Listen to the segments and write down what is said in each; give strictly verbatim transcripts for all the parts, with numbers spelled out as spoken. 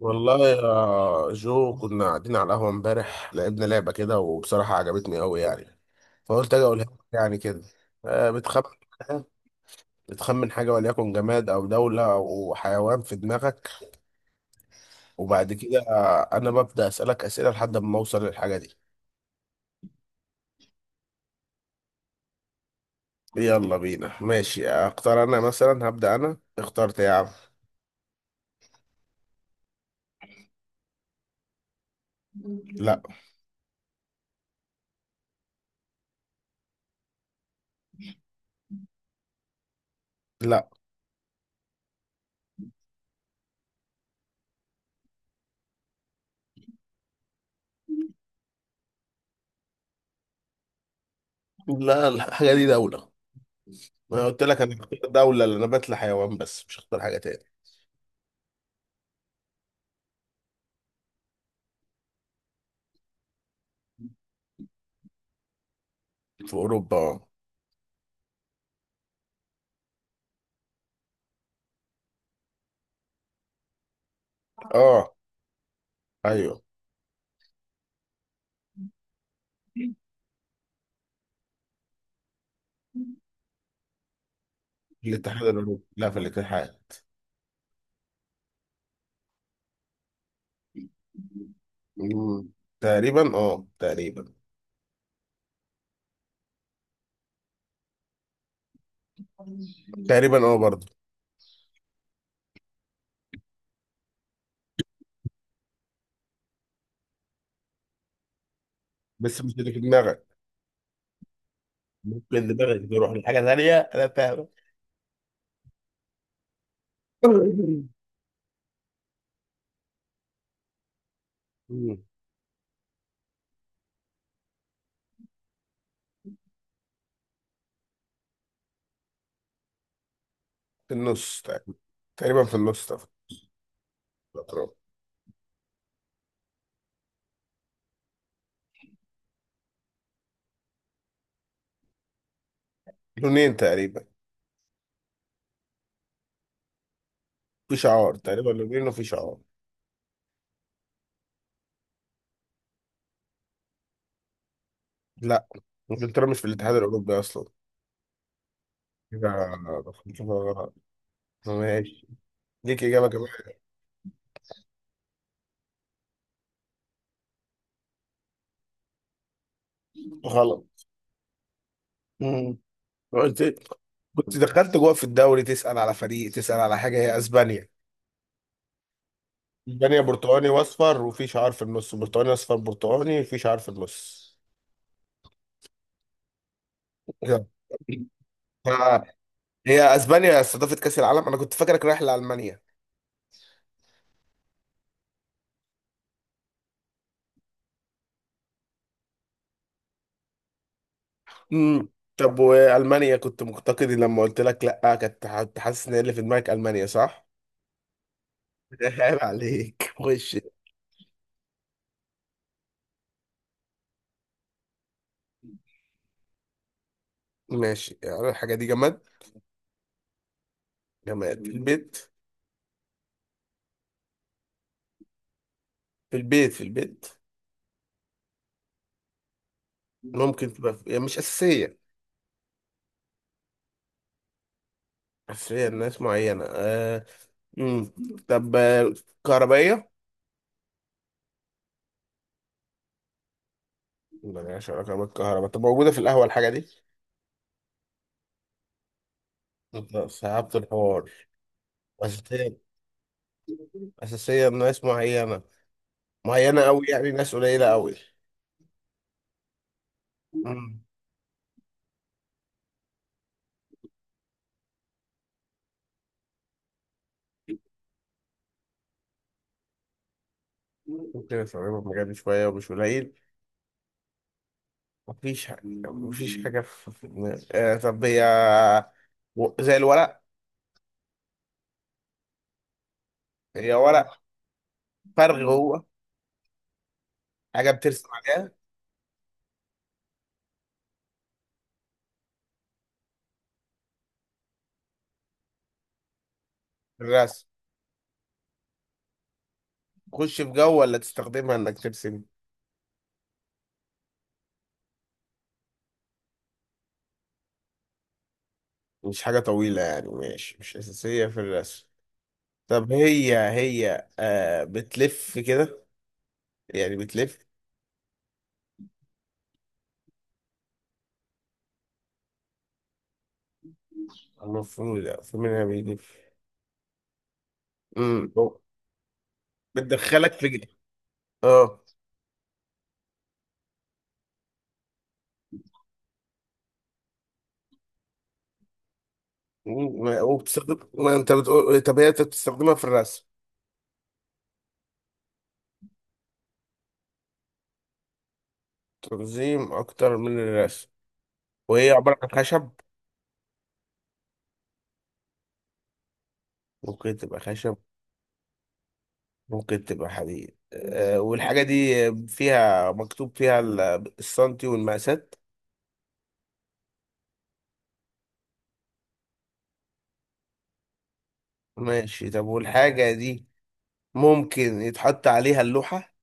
والله يا جو كنا قاعدين على القهوة امبارح، لعبنا لعبة كده وبصراحة عجبتني أوي يعني. فقلت أجي أقولها لك يعني كده. آه، بتخمن حاجة بتخمن حاجة وليكن جماد أو دولة أو حيوان في دماغك. وبعد كده آه، أنا ببدأ أسألك أسئلة لحد ما أوصل للحاجة دي. يلا بينا ماشي، أختار أنا مثلا، هبدأ أنا، اخترت يا عم. لا لا لا، الحاجة دي دولة. أنا قلت لك أنا هختار دولة لأن أنا بتلا حيوان، بس مش هختار حاجة تاني. في أوروبا. أه آه، أيوه. الاتحاد الأوروبي، لا في الاتحاد. مم. تقريبا، اه تقريبا. تقريبا اه، برضه. بس مش اللي في دماغك. ممكن دماغك تروح لحاجة ثانية، أنا فاهم. مم. في النص تقريبا. تقريبا في النص ده. لونين تقريبا. في شعار تقريبا لونين، وفي شعار. لا. انجلترا مش في الاتحاد الأوروبي أصلا. كده. ماشي. ليك إجابة كمان. غلط. مم. قلت إيه؟ كنت دخلت جوه في الدوري تسأل على فريق، تسأل على حاجة. هي اسبانيا. اسبانيا برتقاني واصفر، وفي شعار في النص برتقاني اصفر، برتقاني في شعار في النص. كده. ف- هي اسبانيا استضافت كأس العالم. انا كنت فاكرك رايح لألمانيا. امم. طب والمانيا كنت مقتقدي، لما قلت لك لا كنت كنت حاسس ان اللي في دماغك المانيا، صح؟ عيب عليك، خش. ماشي، يعني الحاجة دي جماد. جماد في البيت. في البيت، في البيت. ممكن تبقى في... يعني مش أساسية. أساسية لناس معينة آه... امم. طب آه، كهربائية؟ ملهاش علاقة بالكهرباء. طب موجودة في القهوة الحاجة دي؟ طب صعبت الحوار. أساسية. أساسية ناس معينة. معينة أوي، يعني ناس قليلة أوي. مم. ممكن أستخدمها في مجالي شوية ومش قليل. مفيش حاجة مفيش حاجة في في دماغي. آه طب هي. و- زي الورق. هي ورق. فرغ هو. حاجة بترسم عليها. الرسم. تخش في جو، ولا تستخدمها إنك ترسم؟ مش حاجة طويلة يعني، ماشي، مش أساسية في الرسم. طب هي هي آه بتلف كده، يعني بتلف. المفروض، لا، المفروض انها بيلف. امم. بتدخلك في ج- اه. و- وبتستخدم، ما انت بتقول. طب هي انت بتستخدمها في الرسم. تنظيم اكتر من الرسم. وهي عبارة عن خشب. ممكن تبقى خشب. ممكن تبقى حديد آه والحاجة دي فيها مكتوب، فيها ال- السنتي والمقاسات. ماشي. طب والحاجة دي ممكن يتحط عليها اللوحة؟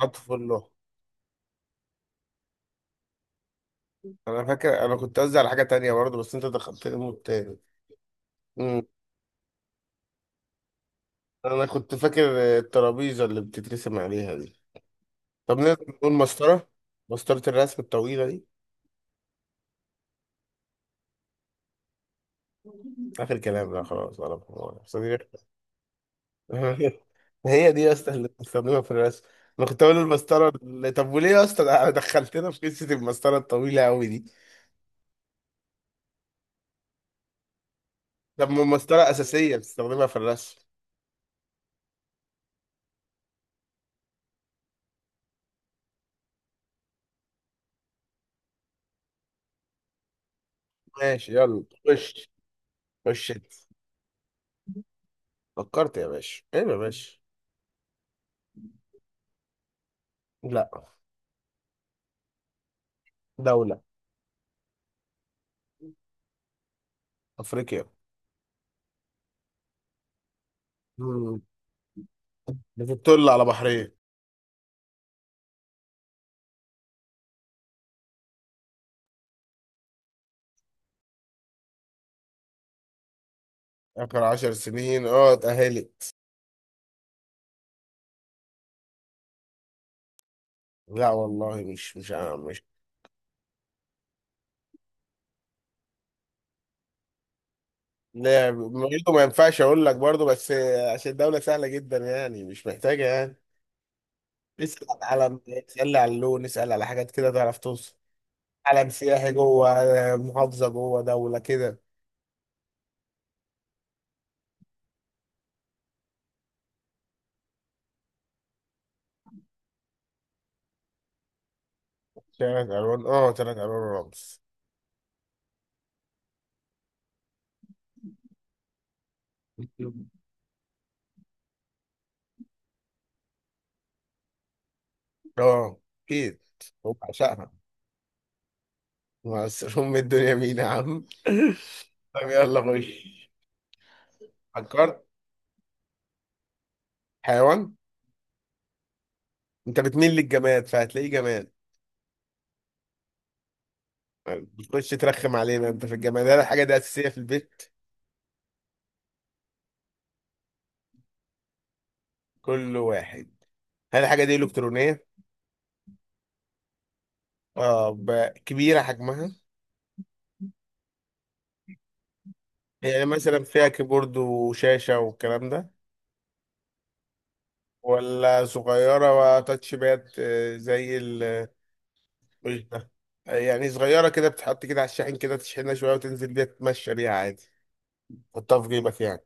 تحط في اللوحة. انا فاكر انا كنت قصدي على حاجه تانية برضه، بس انت دخلتني مود تاني. امم. انا كنت فاكر الترابيزه اللي بتترسم عليها دي. طب نقدر نقول مسطره. مسطره الرسم الطويله دي. اخر كلام لا، خلاص، ولا بحوار. صديق. هي دي يا اسطى اللي بنستخدمها في الرسم. انا كنت اقول المسطره اللي- طب وليه يا اسطى ده دخلتنا في قصه المسطره الطويله قوي دي؟ طب ما المسطره اساسيه، بتستخدمها في الرسم. ماشي يلا، خش. خش انت. فكرت يا باشا؟ ايه يا باشا؟ لا. دوله. افريقيا. مم. بتطل على بحرية. آخر عشر سنين، اه، اتأهلت. لا والله، مش، مش، مش. لا برضه، ما ينفعش أقول لك برضه، بس. عشان دولة سهلة جدا يعني، مش محتاجة يعني. اسأل على العلم، اسأل على اللون، اسأل على حاجات كده تعرف توصل. علم سياحي جوه. محافظة جوه دولة كده. تلات ألوان، اه، تلات ألوان. رمز. اه أكيد، وبعشقها. بس أم الدنيا مين يا عم؟ طب يلا خش. فكرت. حيوان. انت بتميل للجماد فهتلاقيه جماد. بتخش ترخم علينا انت في الجماد؟ هل الحاجه دي اساسيه في البيت؟ كل واحد. هل الحاجه دي الكترونيه؟ اه. ب- كبيره حجمها؟ يعني مثلا فيها كيبورد وشاشه والكلام ده؟ ولا صغيره وتاتش باد آه، زي ال. مش ده. يعني صغيره كده، بتحط كده على الشاحن كده، تشحنها شويه وتنزل بيها تتمشى بيها عادي. تحطها في جيبك يعني.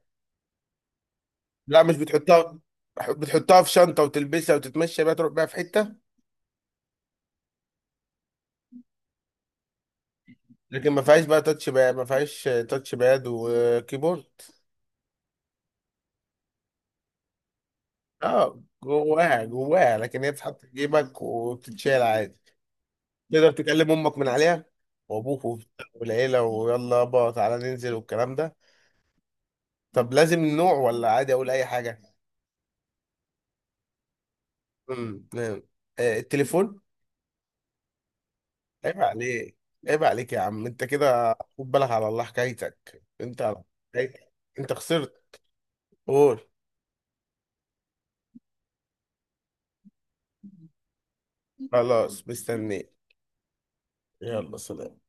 لا، مش بتحطها. بتحطها في شنطه وتلبسها وتتمشى بيها، تروح بيها في حته. لكن ما فيهاش بقى تاتش باد. ما فيهاش تاتش باد وكيبورد. اه جواها جواها، لكن هي بتتحط في جيبك وبتتشال عادي. تقدر تكلم امك من عليها، وابوك وبتاع والعيله، ويلا يابا تعالى ننزل والكلام ده. طب لازم نوع، ولا عادي اقول اي حاجه؟ امم نعم. آه، التليفون. عيب عليك. عيب عليك يا عم، انت كده خد بالك على الله، حكايتك انت على. حكايتك، انت خسرت. قول. خلاص مستنيك. يلا سلام.